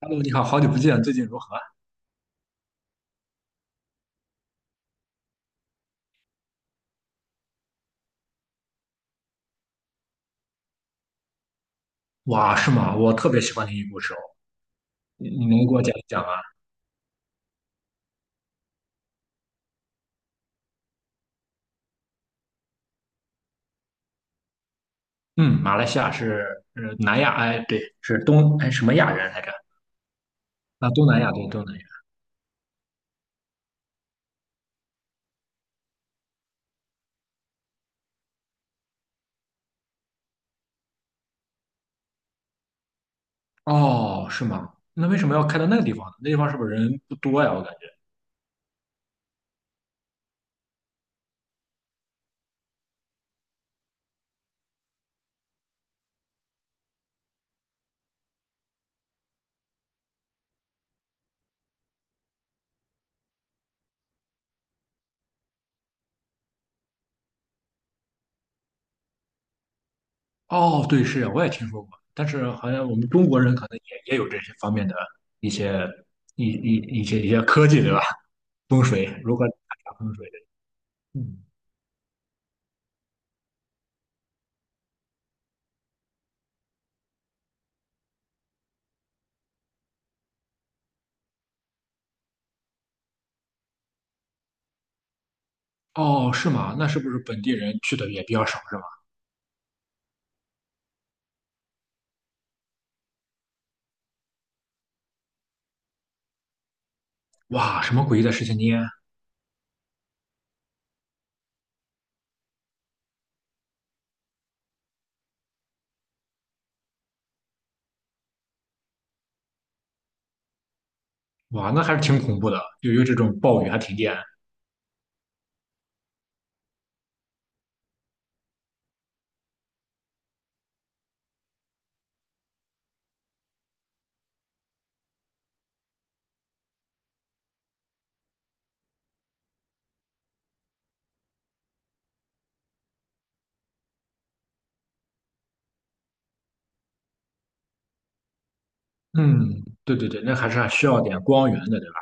哈喽，你好，好久不见，最近如何？哇，是吗？我特别喜欢听英故事哦，你能给我讲一讲吗？嗯，马来西亚是南亚，哎，对，是东哎什么亚人来着？啊，东南亚，对，东南亚。哦，是吗？那为什么要开到那个地方呢？那地方是不是人不多呀？我感觉。哦，对，是，我也听说过，但是好像我们中国人可能也有这些方面的一些一一一些科技，对吧？风水如何查风水的嗯，哦，是吗？那是不是本地人去的也比较少，是吧？哇，什么诡异的事情呢？哇，那还是挺恐怖的，就有这种暴雨还停电。嗯，对对对，那还是需要点光源的，对吧？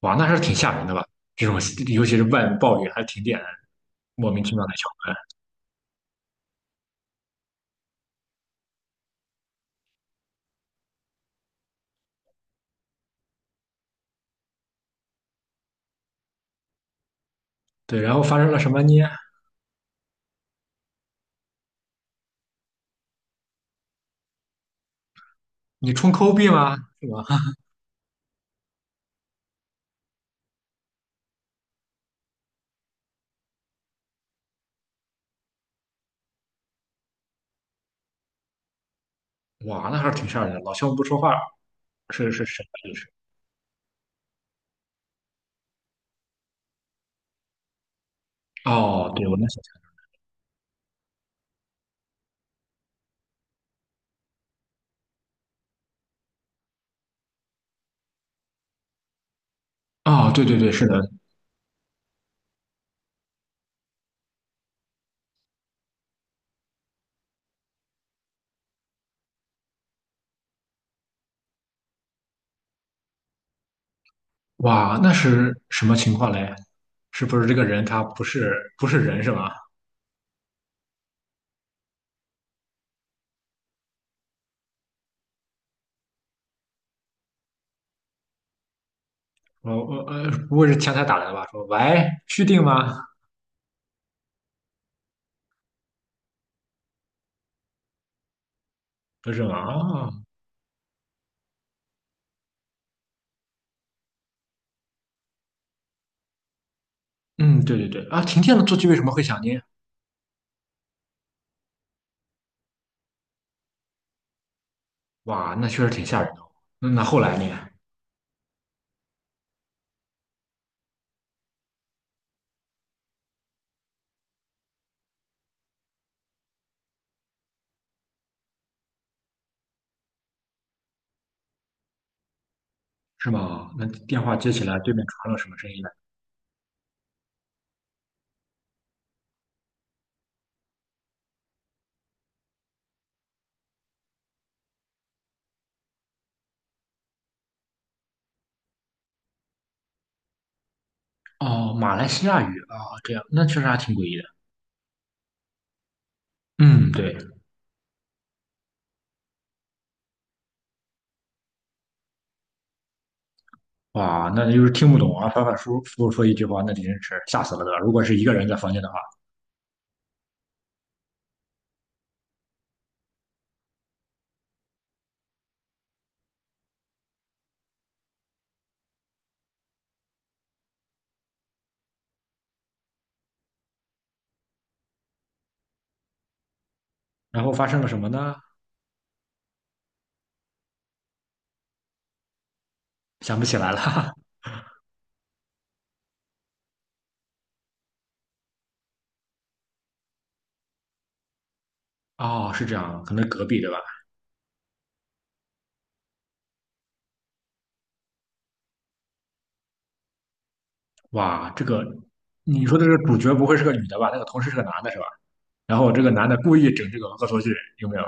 哇，那还是挺吓人的吧？这种尤其是外面暴雨还停电，莫名其妙的敲门。对，然后发生了什么？呢？你充抠币吗？是吧？哇，那还是挺吓人的。老乡不说话，是什么意思？哦，对，我能想象。哦，对对对，是的。哇，那是什么情况嘞？是不是这个人他不是人是吧？哦，不会是前台打来的吧？说喂，续订吗？不是吗？哦，嗯，对对对，啊，停电了，座机为什么会响呢？哇，那确实挺吓人的哦，那那后来呢？是吗？那电话接起来，对面传了什么声音呢？哦，马来西亚语啊，这样，那确实还挺诡异的。嗯，对，哇，那就是听不懂啊，反反复复说一句话，那真是吓死了的。如果是一个人在房间的话，然后发生了什么呢？想不起来了。哦，是这样，可能隔壁对吧？哇，这个你说的这个主角不会是个女的吧？那个同事是个男的，是吧？然后这个男的故意整这个恶作剧，有没有？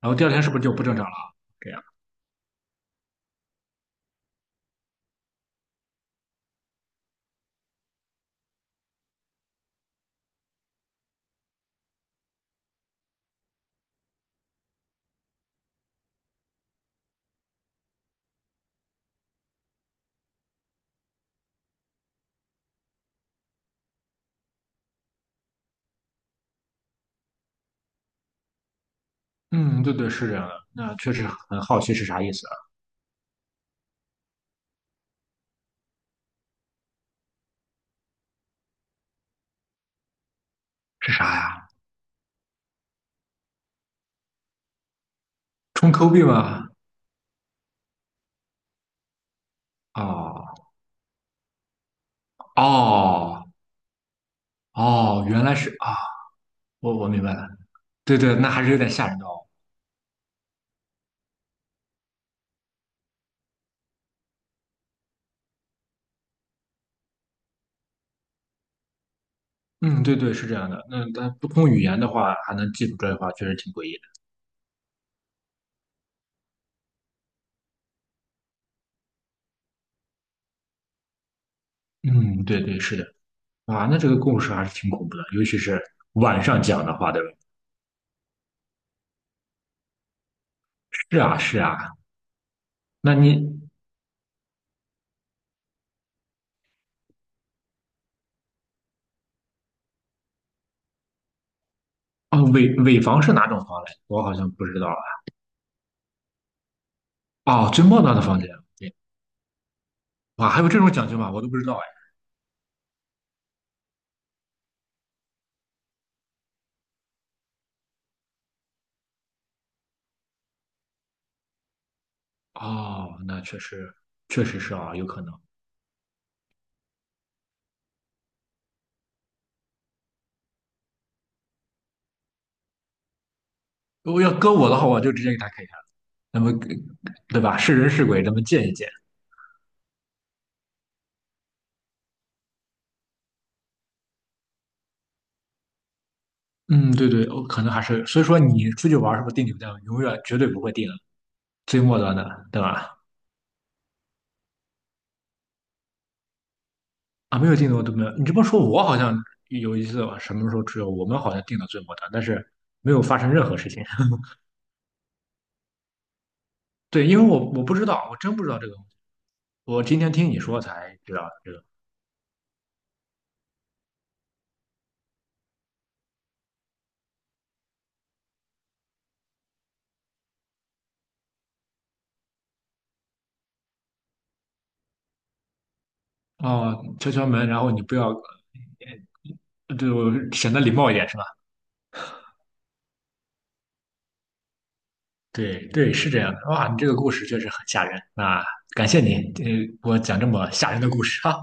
然后第二天是不是就不正常了？这样，嗯，对对，是这样的。那确实很好奇是啥意思啊，是啥呀？充 Q 币吗？哦哦哦，原来是啊，我明白了。对对，那还是有点吓人的哦。嗯，对对，是这样的。那他不通语言的话，还能记住这句话，确实挺诡异的。嗯，对对，是的。啊，那这个故事还是挺恐怖的，尤其是晚上讲的话，对吧？是啊，是啊，那你哦，尾房是哪种房嘞？我好像不知道啊。哦，最末端的房间，对，哇，还有这种讲究吗？我都不知道哎。哦，那确实，确实是啊，有可能。我要搁我的话，我就直接给他开开了，那么对吧？是人是鬼，咱们见一见。嗯，对对，我可能还是，所以说你出去玩是不是订酒店，永远绝对不会订最末端的，对吧？啊，没有订的我都没有。你这么说，我好像有一次什么时候只有我们好像订的最末端，但是没有发生任何事情。对，因为我不知道，我真不知道这个东西，我今天听你说才知道这个。哦，敲敲门，然后你不要，对我显得礼貌一点是吧？对对，是这样的。哇，你这个故事确实很吓人。那感谢你，呃，给我讲这么吓人的故事啊！